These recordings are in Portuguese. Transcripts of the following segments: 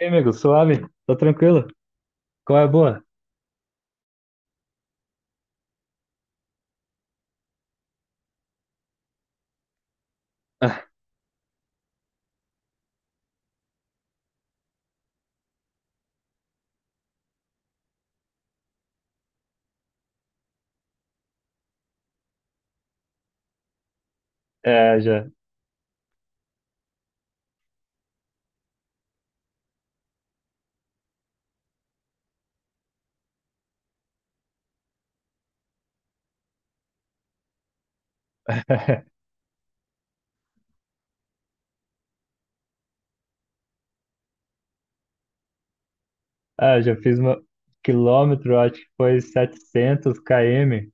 E aí, amigo, suave? Tá tranquilo? Qual é a boa? É, já. Ah, já fiz uma quilômetro, acho que foi 700 km,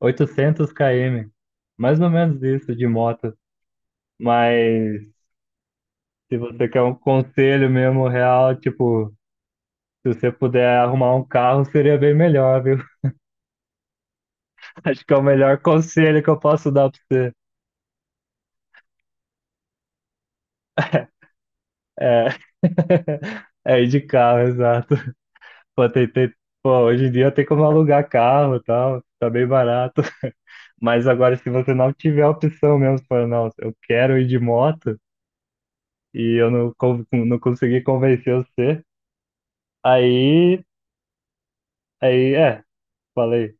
800 km, mais ou menos isso de moto. Mas se você quer um conselho mesmo real, tipo, se você puder arrumar um carro, seria bem melhor, viu? Acho que é o melhor conselho que eu posso dar pra você. É, é ir de carro, exato. Pô, pô, hoje em dia tem como alugar carro e tal, tá bem barato. Mas agora, se você não tiver a opção mesmo, você fala, não, eu quero ir de moto e eu não consegui convencer você, aí, aí, é, falei,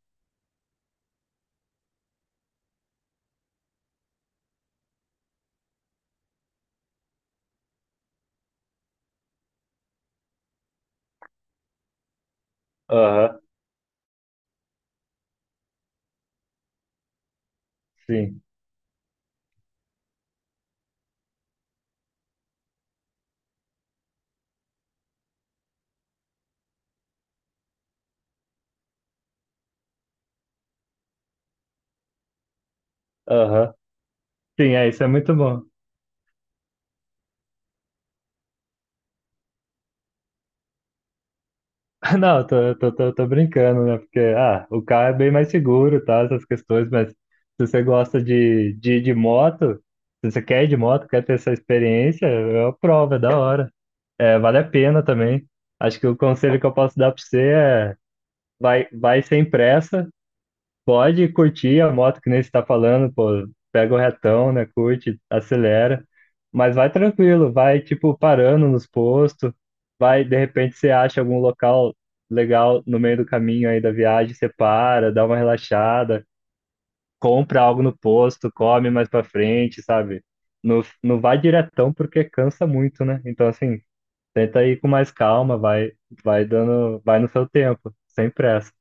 aham, sim, aham, sim, é, isso é muito bom. Não, tô brincando, né? Porque, ah, o carro é bem mais seguro, tá? Essas questões, mas se você gosta de, ir de moto, se você quer ir de moto, quer ter essa experiência, eu aprovo, é da hora. É, vale a pena também. Acho que o conselho que eu posso dar pra você é vai, vai sem pressa, pode curtir a moto que nem você está falando, pô, pega o retão, né? Curte, acelera, mas vai tranquilo, vai tipo parando nos postos, vai, de repente você acha algum local legal no meio do caminho aí da viagem, você para, dá uma relaxada, compra algo no posto, come mais pra frente, sabe? Não, não vai diretão porque cansa muito, né? Então assim, tenta ir com mais calma, vai, vai dando, vai no seu tempo, sem pressa.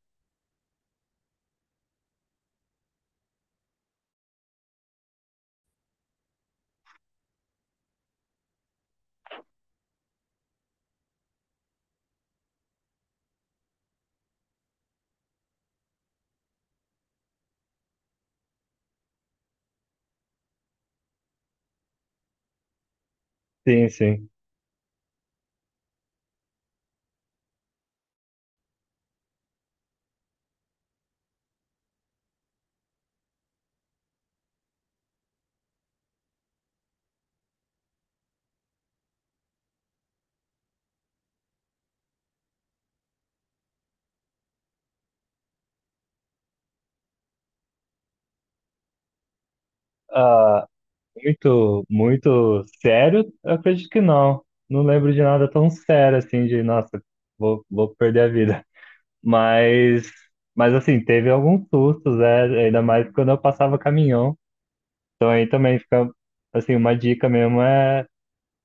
Sim, sim. ah Muito, muito sério? Eu acredito que não. Não lembro de nada tão sério assim, de nossa, vou perder a vida. Mas, mas assim, teve alguns sustos, é, ainda mais quando eu passava caminhão. Então aí também fica, assim, uma dica mesmo é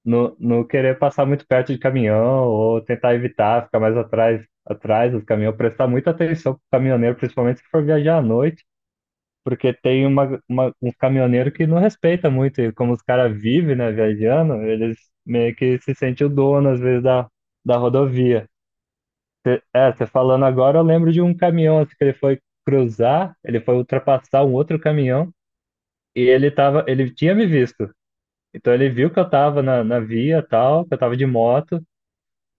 não, não querer passar muito perto de caminhão ou tentar evitar, ficar mais atrás, atrás dos caminhões, prestar muita atenção pro caminhoneiro, principalmente se for viajar à noite porque tem uns caminhoneiros que não respeita muito, e como os caras vivem, né, viajando, eles meio que se sentem o dono, às vezes, da, rodovia. Você falando agora, eu lembro de um caminhão assim, que ele foi ultrapassar um outro caminhão, e ele tinha me visto. Então ele viu que eu tava na, via tal, que eu tava de moto,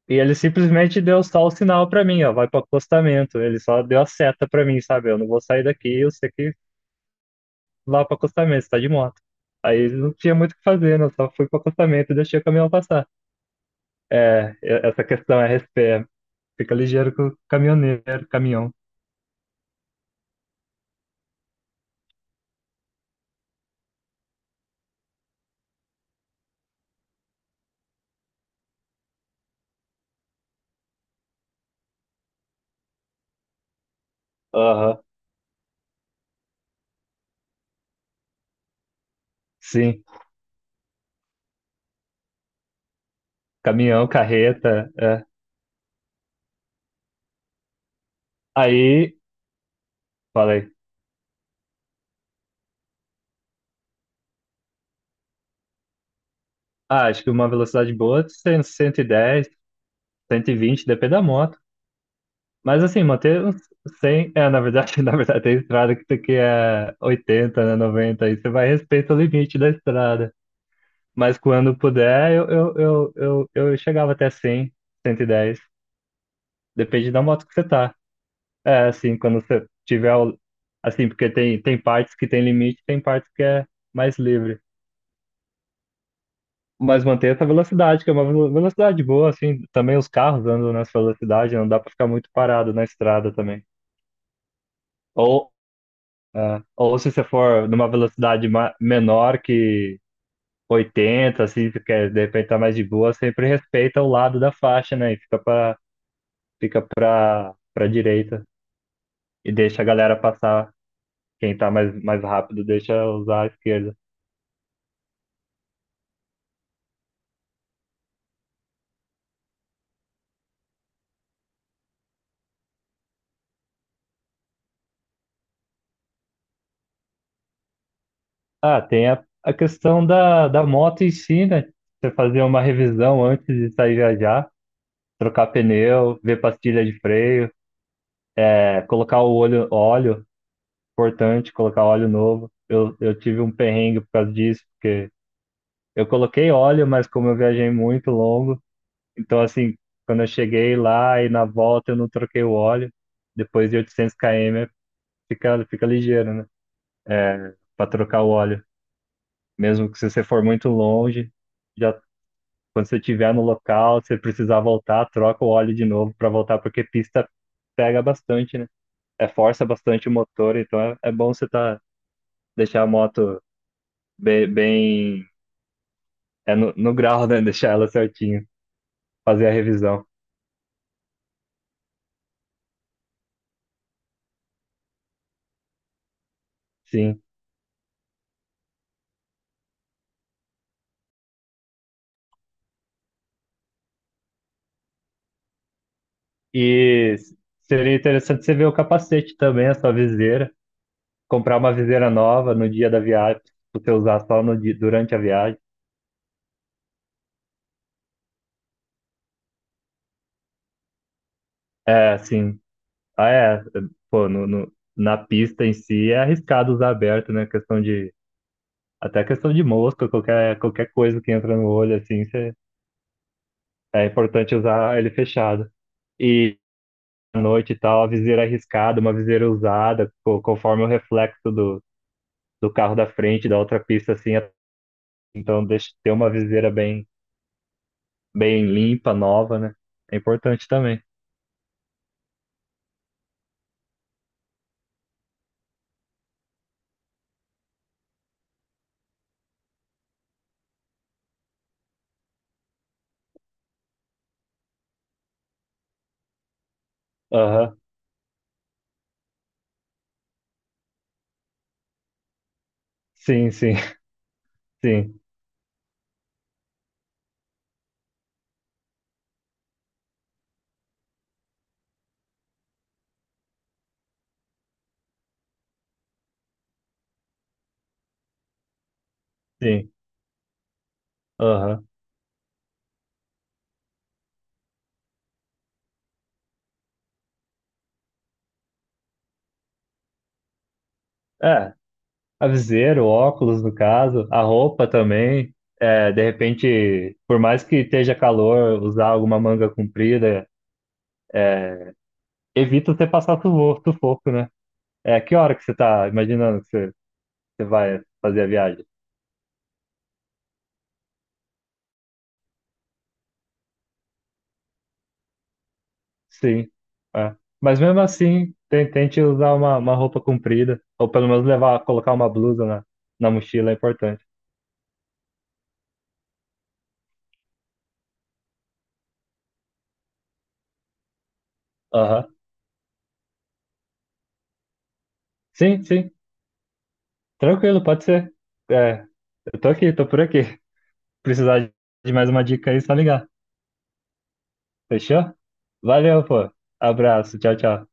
e ele simplesmente deu só o sinal pra mim, ó, vai pro acostamento. Ele só deu a seta pra mim, sabe? Eu não vou sair daqui, eu sei que lá pro acostamento, você tá de moto. Aí não tinha muito o que fazer, né? Eu só fui pro acostamento e deixei o caminhão passar. É, essa questão é respeito. Fica ligeiro com o caminhoneiro, caminhão. Aham, sim. Caminhão, carreta, é. Aí, falei, acho que uma velocidade boa, é 100, 110, 120 depende da moto. Mas assim, manter uns 100, é, na verdade, na verdade, tem estrada que tem que é 80, né, 90, aí você vai respeitar o limite da estrada. Mas quando puder, eu chegava até 100 110. Depende da moto que você tá. É, assim, quando você tiver. Assim, porque tem partes que tem limite, tem partes que é mais livre. Mas manter essa velocidade, que é uma velocidade boa, assim. Também os carros andam nessa velocidade, não dá pra ficar muito parado na estrada também. Ou, ou se você for numa velocidade menor que 80 assim, porque de repente tá mais de boa, sempre respeita o lado da faixa, né? E fica pra direita e deixa a galera passar. Quem tá mais rápido deixa usar a esquerda. Ah, tem a questão da moto em si, né? Você fazer uma revisão antes de sair viajar, trocar pneu, ver pastilha de freio, colocar o óleo, importante, colocar óleo novo. Eu tive um perrengue por causa disso, porque eu coloquei óleo, mas como eu viajei muito longo, então assim, quando eu cheguei lá e na volta eu não troquei o óleo, depois de 800 km fica ligeiro, né? É, para trocar o óleo. Mesmo que se você for muito longe, já quando você estiver no local, se você precisar voltar, troca o óleo de novo para voltar, porque pista pega bastante, né? É, força bastante o motor, então é bom você tá, deixar a moto bem, bem é no grau, né? Deixar ela certinho, fazer a revisão. Sim. E seria interessante você ver o capacete também, a sua viseira. Comprar uma viseira nova no dia da viagem, pra você usar só no, dia- durante a viagem. É, sim. Ah, é. Pô, na pista em si é arriscado usar aberto, né? Questão de. Até questão de mosca, qualquer coisa que entra no olho, assim, é importante usar ele fechado. E à noite e tal, a viseira arriscada, uma viseira usada, conforme o reflexo do, carro da frente, da outra pista, assim. Então, deixa ter uma viseira bem, bem limpa, nova, né? É importante também. Aham. Sim, sim, sim, sim. Aham. É, Aviseiro, óculos, no caso, a roupa também. É, de repente, por mais que esteja calor, usar alguma manga comprida, evita você passar sufoco, sufoco, né? É, que hora que você tá imaginando que você vai fazer a viagem? Sim. É. Mas mesmo assim, tente usar uma, roupa comprida, ou pelo menos levar, colocar uma blusa na, mochila, é importante. Aham. Sim, sim. Tranquilo, pode ser. É, eu tô aqui, tô por aqui. Precisar de mais uma dica aí, só ligar. Fechou? Valeu, pô. Abraço. Tchau, tchau.